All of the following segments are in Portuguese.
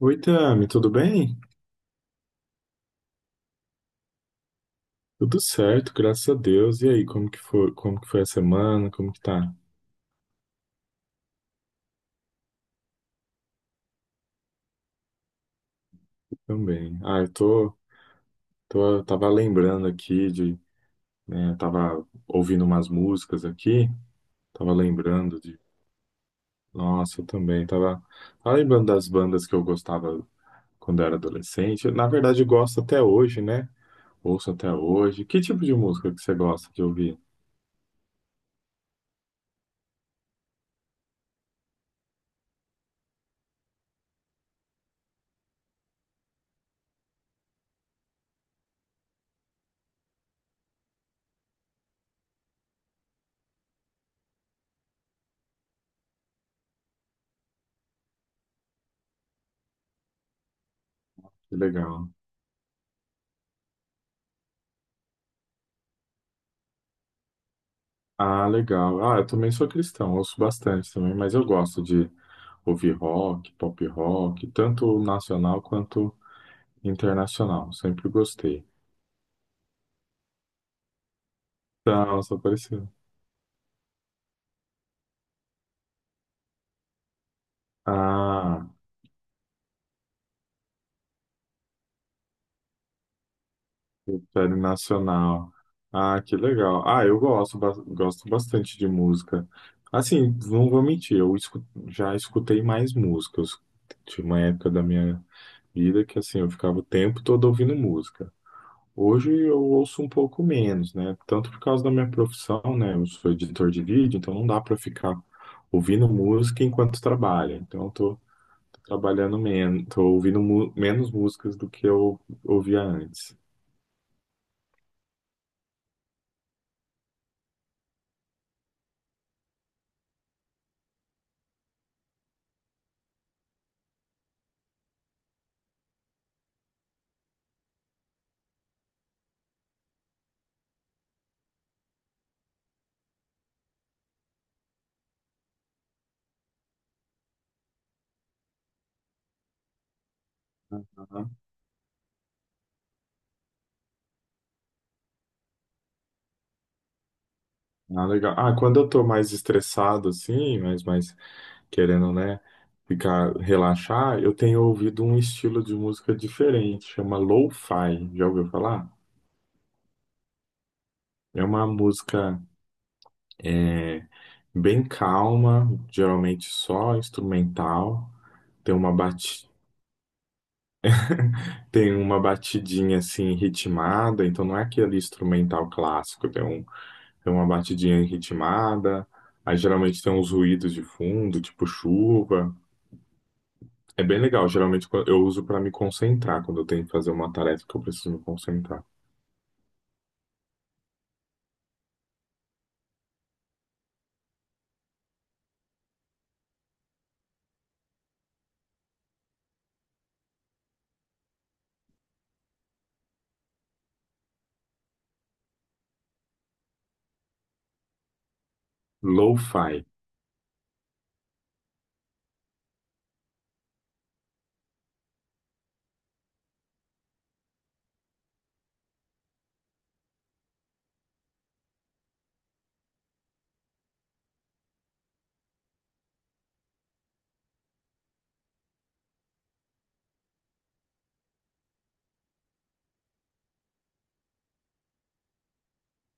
Oi, Tami, tudo bem? Tudo certo, graças a Deus. E aí, como que foi a semana? Como que tá? Também. Ah, tava lembrando aqui de, né, tava ouvindo umas músicas aqui, tava lembrando de, nossa, eu também tava lembrando das bandas que eu gostava quando era adolescente. Na verdade, eu gosto até hoje, né? Ouço até hoje. Que tipo de música que você gosta de ouvir? Que legal. Ah, legal. Ah, eu também sou cristão, ouço bastante também, mas eu gosto de ouvir rock, pop rock, tanto nacional quanto internacional. Sempre gostei. Não, só apareceu. Ah, série nacional. Ah, que legal. Ah, eu gosto, gosto bastante de música. Assim, não vou mentir, já escutei mais músicas. Tinha uma época da minha vida que assim, eu ficava o tempo todo ouvindo música. Hoje eu ouço um pouco menos, né? Tanto por causa da minha profissão, né? Eu sou editor de vídeo, então não dá para ficar ouvindo música enquanto trabalha. Então eu tô trabalhando menos, tô ouvindo menos músicas do que eu ouvia antes. Aham. Ah, legal. Ah, quando eu tô mais estressado, assim, mas mais querendo, né, ficar, relaxar, eu tenho ouvido um estilo de música diferente, chama lo-fi. Já ouviu falar? É uma música. É, bem calma, geralmente só instrumental. Tem uma bati... Tem uma batidinha assim ritmada, então não é aquele instrumental clássico, tem, um... tem uma batidinha ritmada. Aí geralmente tem uns ruídos de fundo, tipo chuva. É bem legal, geralmente eu uso para me concentrar quando eu tenho que fazer uma tarefa que eu preciso me concentrar. Lo-fi.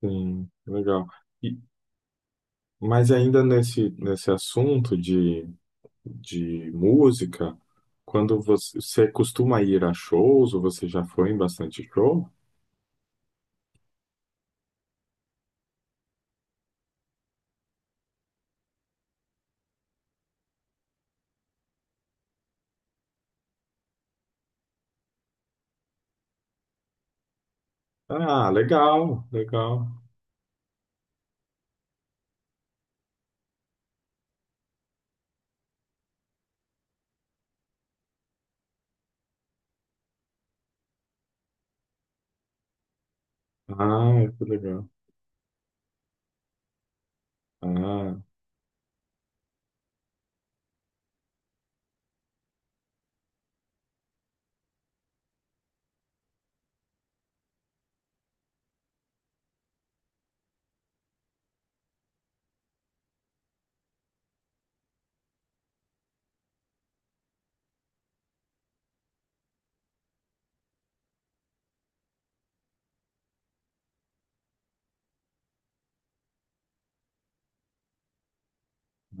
Sim, legal. E- mas ainda nesse assunto de música, quando você costuma ir a shows ou você já foi em bastante show? Ah, legal, legal. Ah, que legal. Ah,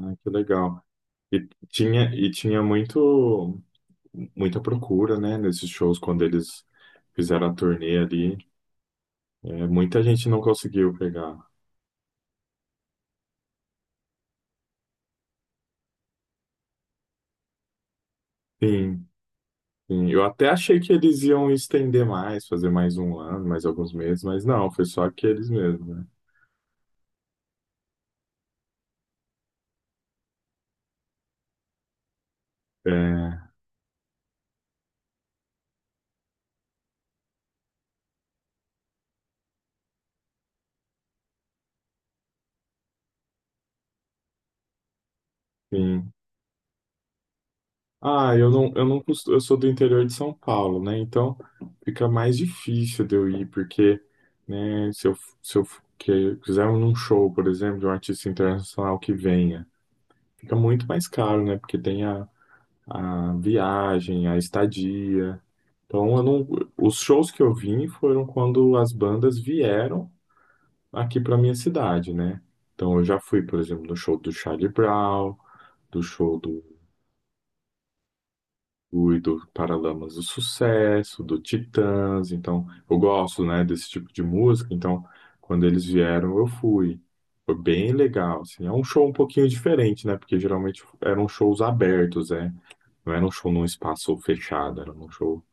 ah, que legal. E tinha, muita procura, né, nesses shows quando eles fizeram a turnê ali. É, muita gente não conseguiu pegar. Sim, sim, eu até achei que eles iam estender mais, fazer mais um ano, mais alguns meses, mas não, foi só aqueles mesmo, né? É, sim. Ah, eu não costu- eu sou do interior de São Paulo, né? Então fica mais difícil de eu ir, porque, né, se eu quiser um show, por exemplo, de um artista internacional que venha, fica muito mais caro, né? Porque tem a viagem, a estadia. Então eu não, os shows que eu vim foram quando as bandas vieram aqui para minha cidade, né? Então eu já fui, por exemplo, no show do Charlie Brown, do show do Rui, do Paralamas do Sucesso, do Titãs. Então eu gosto, né, desse tipo de música. Então quando eles vieram eu fui. Foi bem legal, assim. É um show um pouquinho diferente, né? Porque geralmente eram shows abertos, né? Não era um show num espaço fechado, era um show.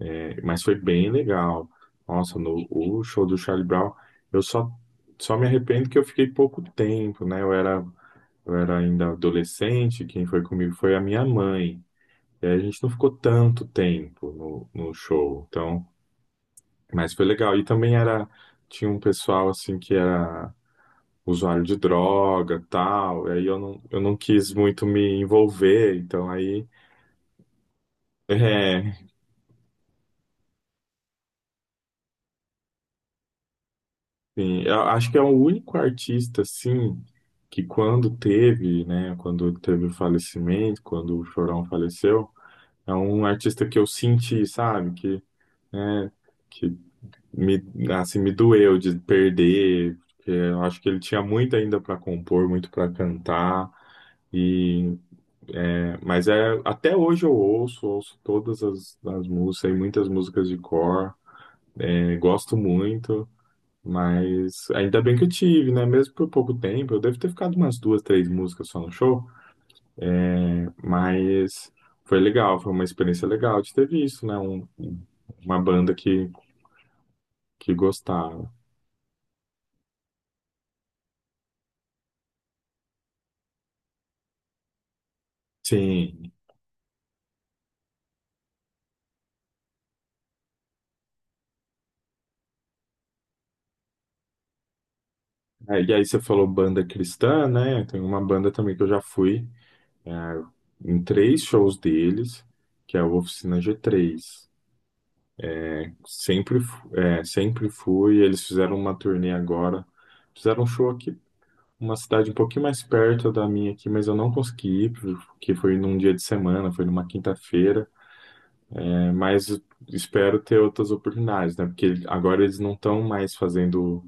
É, mas foi bem legal. Nossa, no o show do Charlie Brown, eu só me arrependo que eu fiquei pouco tempo, né? Eu era ainda adolescente, quem foi comigo foi a minha mãe. E aí a gente não ficou tanto tempo no show, então, mas foi legal. E também era, tinha um pessoal assim que era usuário de droga, tal, e aí eu não quis muito me envolver, então aí, é, sim, eu acho que é o único artista assim que quando teve, né, quando teve o falecimento, quando o Chorão faleceu, é um artista que eu senti, sabe, que, né, que me, assim, me doeu de perder, porque eu acho que ele tinha muito ainda para compor, muito para cantar. E, é, mas é, até hoje eu ouço, ouço todas as músicas, e muitas músicas de cor, é, gosto muito, mas ainda bem que eu tive, né? Mesmo por pouco tempo, eu devo ter ficado umas duas, três músicas só no show, mas foi legal, foi uma experiência legal de ter visto, né? Um, uma banda que gostava. Sim. É, e aí você falou banda cristã, né? Tem uma banda também que eu já fui é, em três shows deles, que é o Oficina G3. Sempre, é, sempre fui. Eles fizeram uma turnê agora. Fizeram um show aqui, uma cidade um pouquinho mais perto da minha aqui, mas eu não consegui ir, porque foi num dia de semana, foi numa quinta-feira. É, mas espero ter outras oportunidades, né? Porque agora eles não estão mais fazendo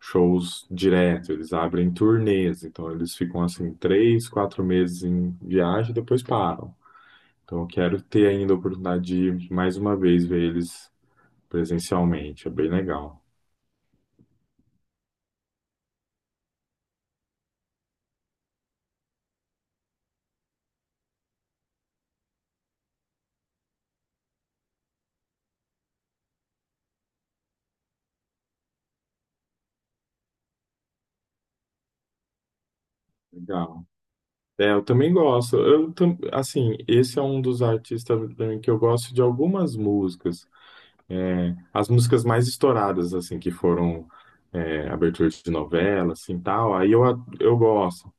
shows direto, eles abrem turnês, então eles ficam assim 3, 4 meses em viagem e depois param. Então eu quero ter ainda a oportunidade de ir mais uma vez ver eles presencialmente, é bem legal. Legal. É, eu também gosto. Assim, esse é um dos artistas pra mim que eu gosto de algumas músicas. É, as músicas mais estouradas, assim, que foram é, abertura de novela, assim, tal. Aí eu gosto.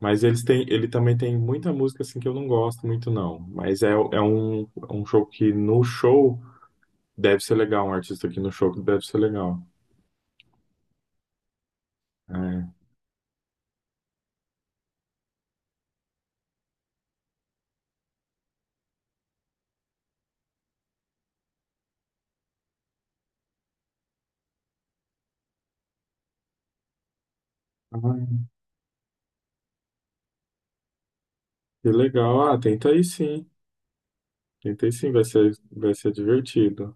Mas eles têm, ele também tem muita música assim que eu não gosto muito, não. Mas é, é um show que no show deve ser legal, um artista aqui no show que deve ser legal. É. Ai, que legal. Ah, tenta aí sim. Tenta aí sim, vai ser divertido.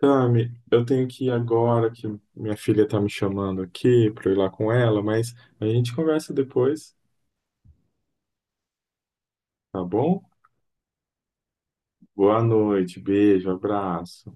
Tami, eu tenho que ir agora que minha filha tá me chamando aqui pra eu ir lá com ela, mas a gente conversa depois, tá bom? Boa noite, beijo, abraço.